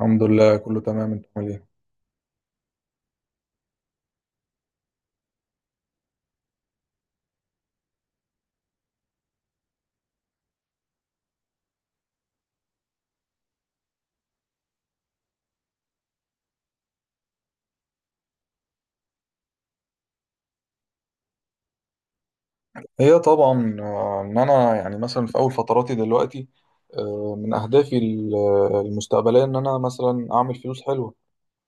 الحمد لله، كله تمام. انت عامل ايه؟ هي طبعا، ان انا يعني مثلا في اول فتراتي دلوقتي. من اهدافي المستقبليه ان انا مثلا اعمل فلوس حلوه.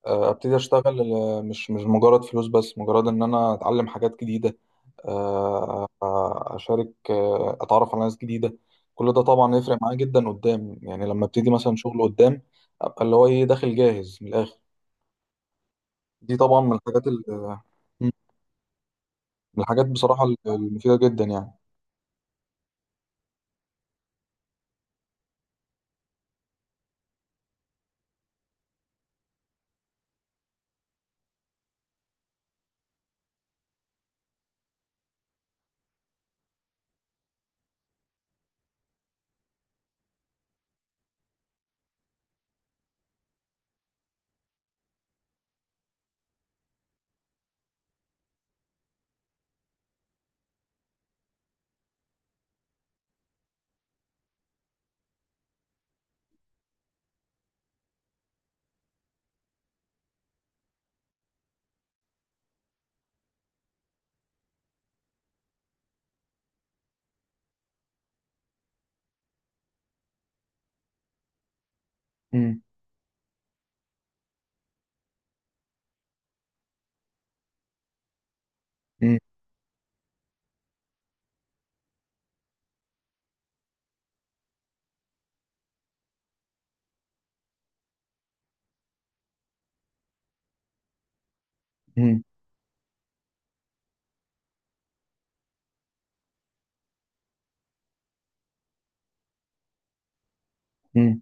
ابتدي اشتغل. مش مجرد فلوس، بس مجرد ان انا اتعلم حاجات جديده. اشارك، اتعرف على ناس جديده. كل ده طبعا يفرق معايا جدا قدام، يعني لما ابتدي مثلا شغل قدام ابقى اللي هو ايه، داخل جاهز من الاخر. دي طبعا من الحاجات من الحاجات بصراحه المفيده جدا يعني. مم. مم. مم.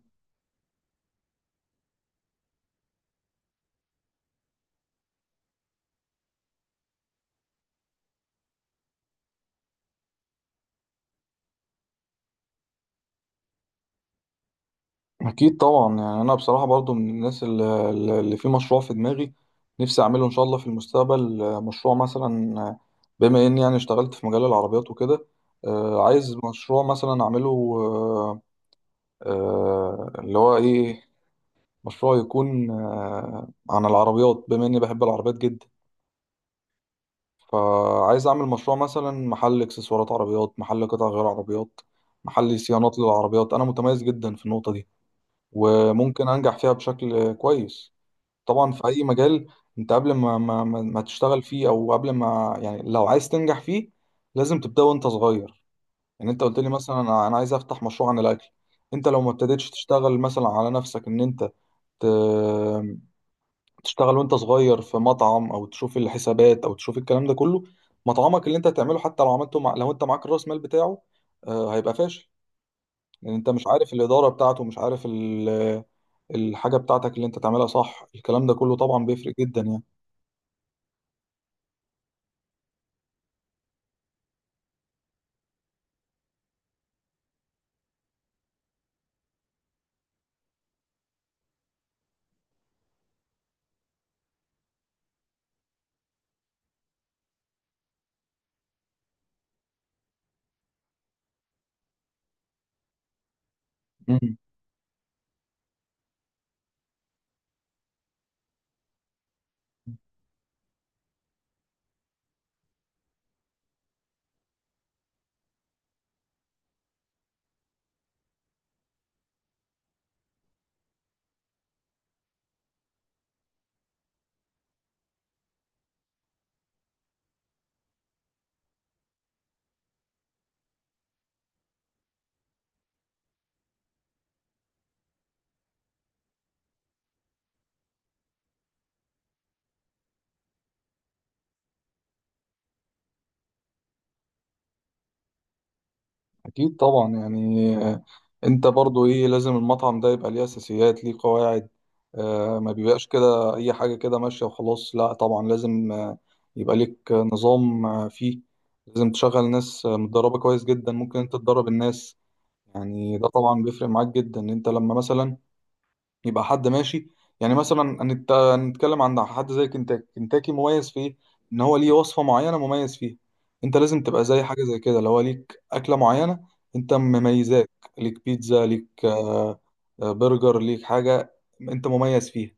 أكيد طبعا، يعني أنا بصراحة برضو من الناس اللي في مشروع في دماغي، نفسي أعمله إن شاء الله في المستقبل. مشروع مثلا، بما إني يعني اشتغلت في مجال العربيات وكده. عايز مشروع مثلا أعمله. آه، اللي هو إيه، مشروع يكون عن العربيات، بما إني بحب العربيات جدا. فعايز أعمل مشروع مثلا محل إكسسوارات عربيات، محل قطع غير عربيات، محل صيانات للعربيات. أنا متميز جدا في النقطة دي وممكن انجح فيها بشكل كويس. طبعا في اي مجال، انت قبل ما تشتغل فيه، او قبل ما، يعني لو عايز تنجح فيه لازم تبدا وانت صغير. يعني انت قلت لي مثلا، أنا عايز افتح مشروع عن الاكل. انت لو ما ابتديتش تشتغل مثلا على نفسك ان انت ت- تشتغل وانت صغير في مطعم، او تشوف الحسابات، او تشوف الكلام ده كله، مطعمك اللي انت هتعمله حتى لو عملته، لو انت معاك الراس مال بتاعه، هيبقى فاشل. لان انت مش عارف الاداره بتاعته، مش عارف الحاجه بتاعتك اللي انت تعملها صح. الكلام ده كله طبعا بيفرق جدا يعني. مم. اكيد طبعا، يعني انت برضو ايه، لازم المطعم ده يبقى ليه اساسيات، ليه قواعد. ما بيبقاش كده اي حاجه كده ماشيه وخلاص. لا طبعا لازم، يبقى ليك نظام فيه. لازم تشغل ناس متدربه كويس جدا، ممكن انت تدرب الناس. يعني ده طبعا بيفرق معاك جدا، انت لما مثلا يبقى حد ماشي. يعني مثلا هنتكلم عن حد زي كنتاكي. كنتاكي مميز في ايه؟ ان هو ليه وصفة معينة مميز فيها. انت لازم تبقى زي حاجة زي كده، لو هو ليك أكلة معينة انت مميزاك، ليك بيتزا، ليك برجر، ليك حاجة انت مميز فيها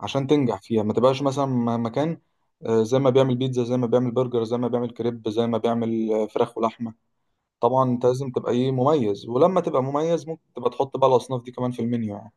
عشان تنجح فيها. ما تبقاش مثلا مكان زي ما بيعمل بيتزا، زي ما بيعمل برجر، زي ما بيعمل كريب، زي ما بيعمل فراخ ولحمة. طبعا انت لازم تبقى ايه، مميز. ولما تبقى مميز ممكن تبقى تحط بقى الأصناف دي كمان في المنيو يعني.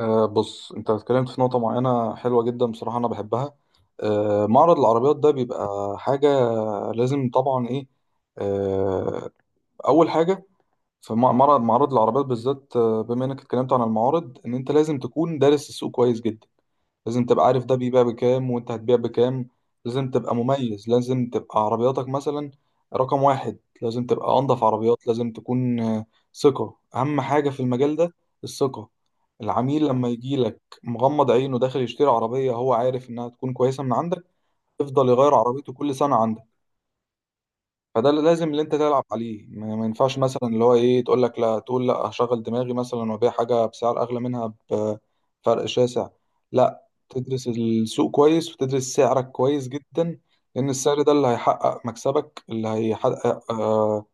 بص، انت اتكلمت في نقطة معينة حلوة جدا، بصراحة انا بحبها. أه، معرض العربيات ده بيبقى حاجة لازم طبعا ايه، أه اول حاجة في، معرض، معرض العربيات بالذات، بما انك اتكلمت عن المعارض، ان انت لازم تكون دارس السوق كويس جدا. لازم تبقى عارف ده بيبيع بكام، وانت هتبيع بكام. لازم تبقى مميز، لازم تبقى عربياتك مثلا رقم واحد، لازم تبقى أنظف عربيات، لازم تكون ثقة. أهم حاجة في المجال ده الثقة. العميل لما يجيلك مغمض عينه داخل يشتري عربية، هو عارف إنها تكون كويسة من عندك، يفضل يغير عربيته كل سنة عندك. فده اللي لازم، اللي انت تلعب عليه. ما ينفعش مثلا اللي هو ايه، تقول لك لا، تقول لا هشغل دماغي مثلا وابيع حاجه بسعر اغلى منها بفرق شاسع. لا، تدرس السوق كويس وتدرس سعرك كويس جدا. لان السعر ده اللي هيحقق مكسبك، اللي هيحقق آه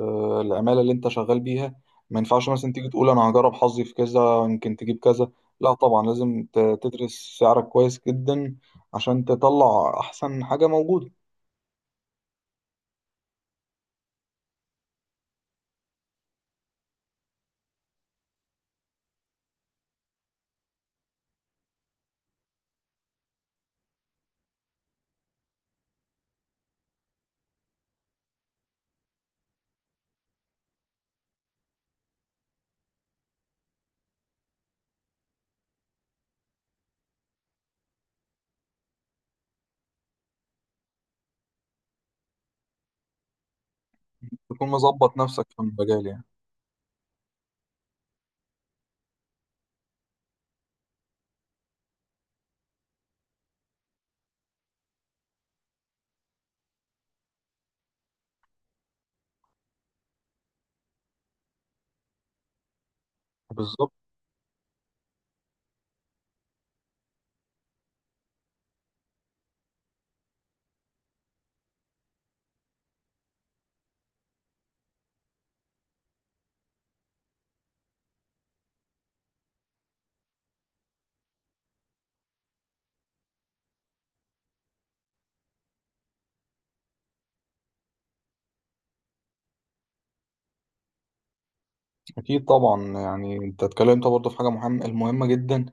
آه العماله اللي انت شغال بيها. ما ينفعش مثلا تيجي تقول انا هجرب حظي في كذا، يمكن تجيب كذا. لا طبعا لازم تدرس سعرك كويس جدا، عشان تطلع احسن حاجه موجوده. تكون مظبط نفسك في المجال يعني بالظبط. اكيد طبعا، يعني انت اتكلمت برضه في حاجه مهمه، المهمه جدا،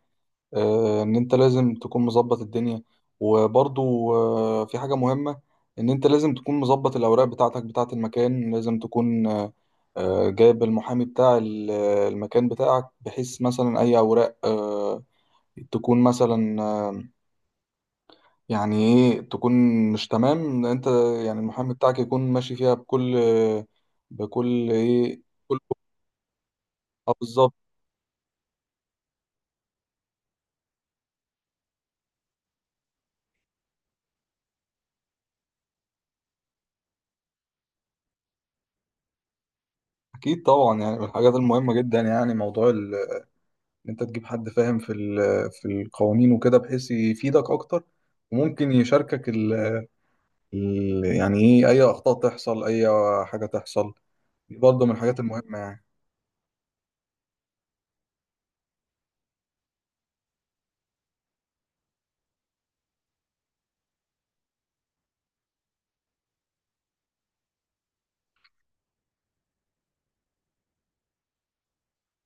ان انت لازم تكون مظبط الدنيا. وبرضه في حاجه مهمه، ان انت لازم تكون مظبط الاوراق بتاعتك، بتاعه المكان. لازم تكون جايب المحامي بتاع المكان بتاعك، بحيث مثلا اي اوراق تكون مثلا يعني ايه، تكون مش تمام. انت يعني المحامي بتاعك يكون ماشي فيها بكل ايه، كل- اه، بالظبط. اكيد طبعا، يعني من الحاجات المهمه جدا، يعني موضوع ان انت تجيب حد فاهم في في القوانين وكده، بحيث يفيدك اكتر. وممكن يشاركك يعني ايه، اي اخطاء تحصل، اي حاجه تحصل. دي برضه من الحاجات المهمه يعني.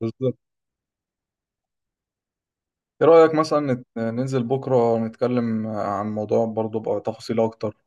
بالظبط. ايه رايك مثلا ننزل بكره نتكلم عن موضوع برضه بقى، تفاصيل اكتر.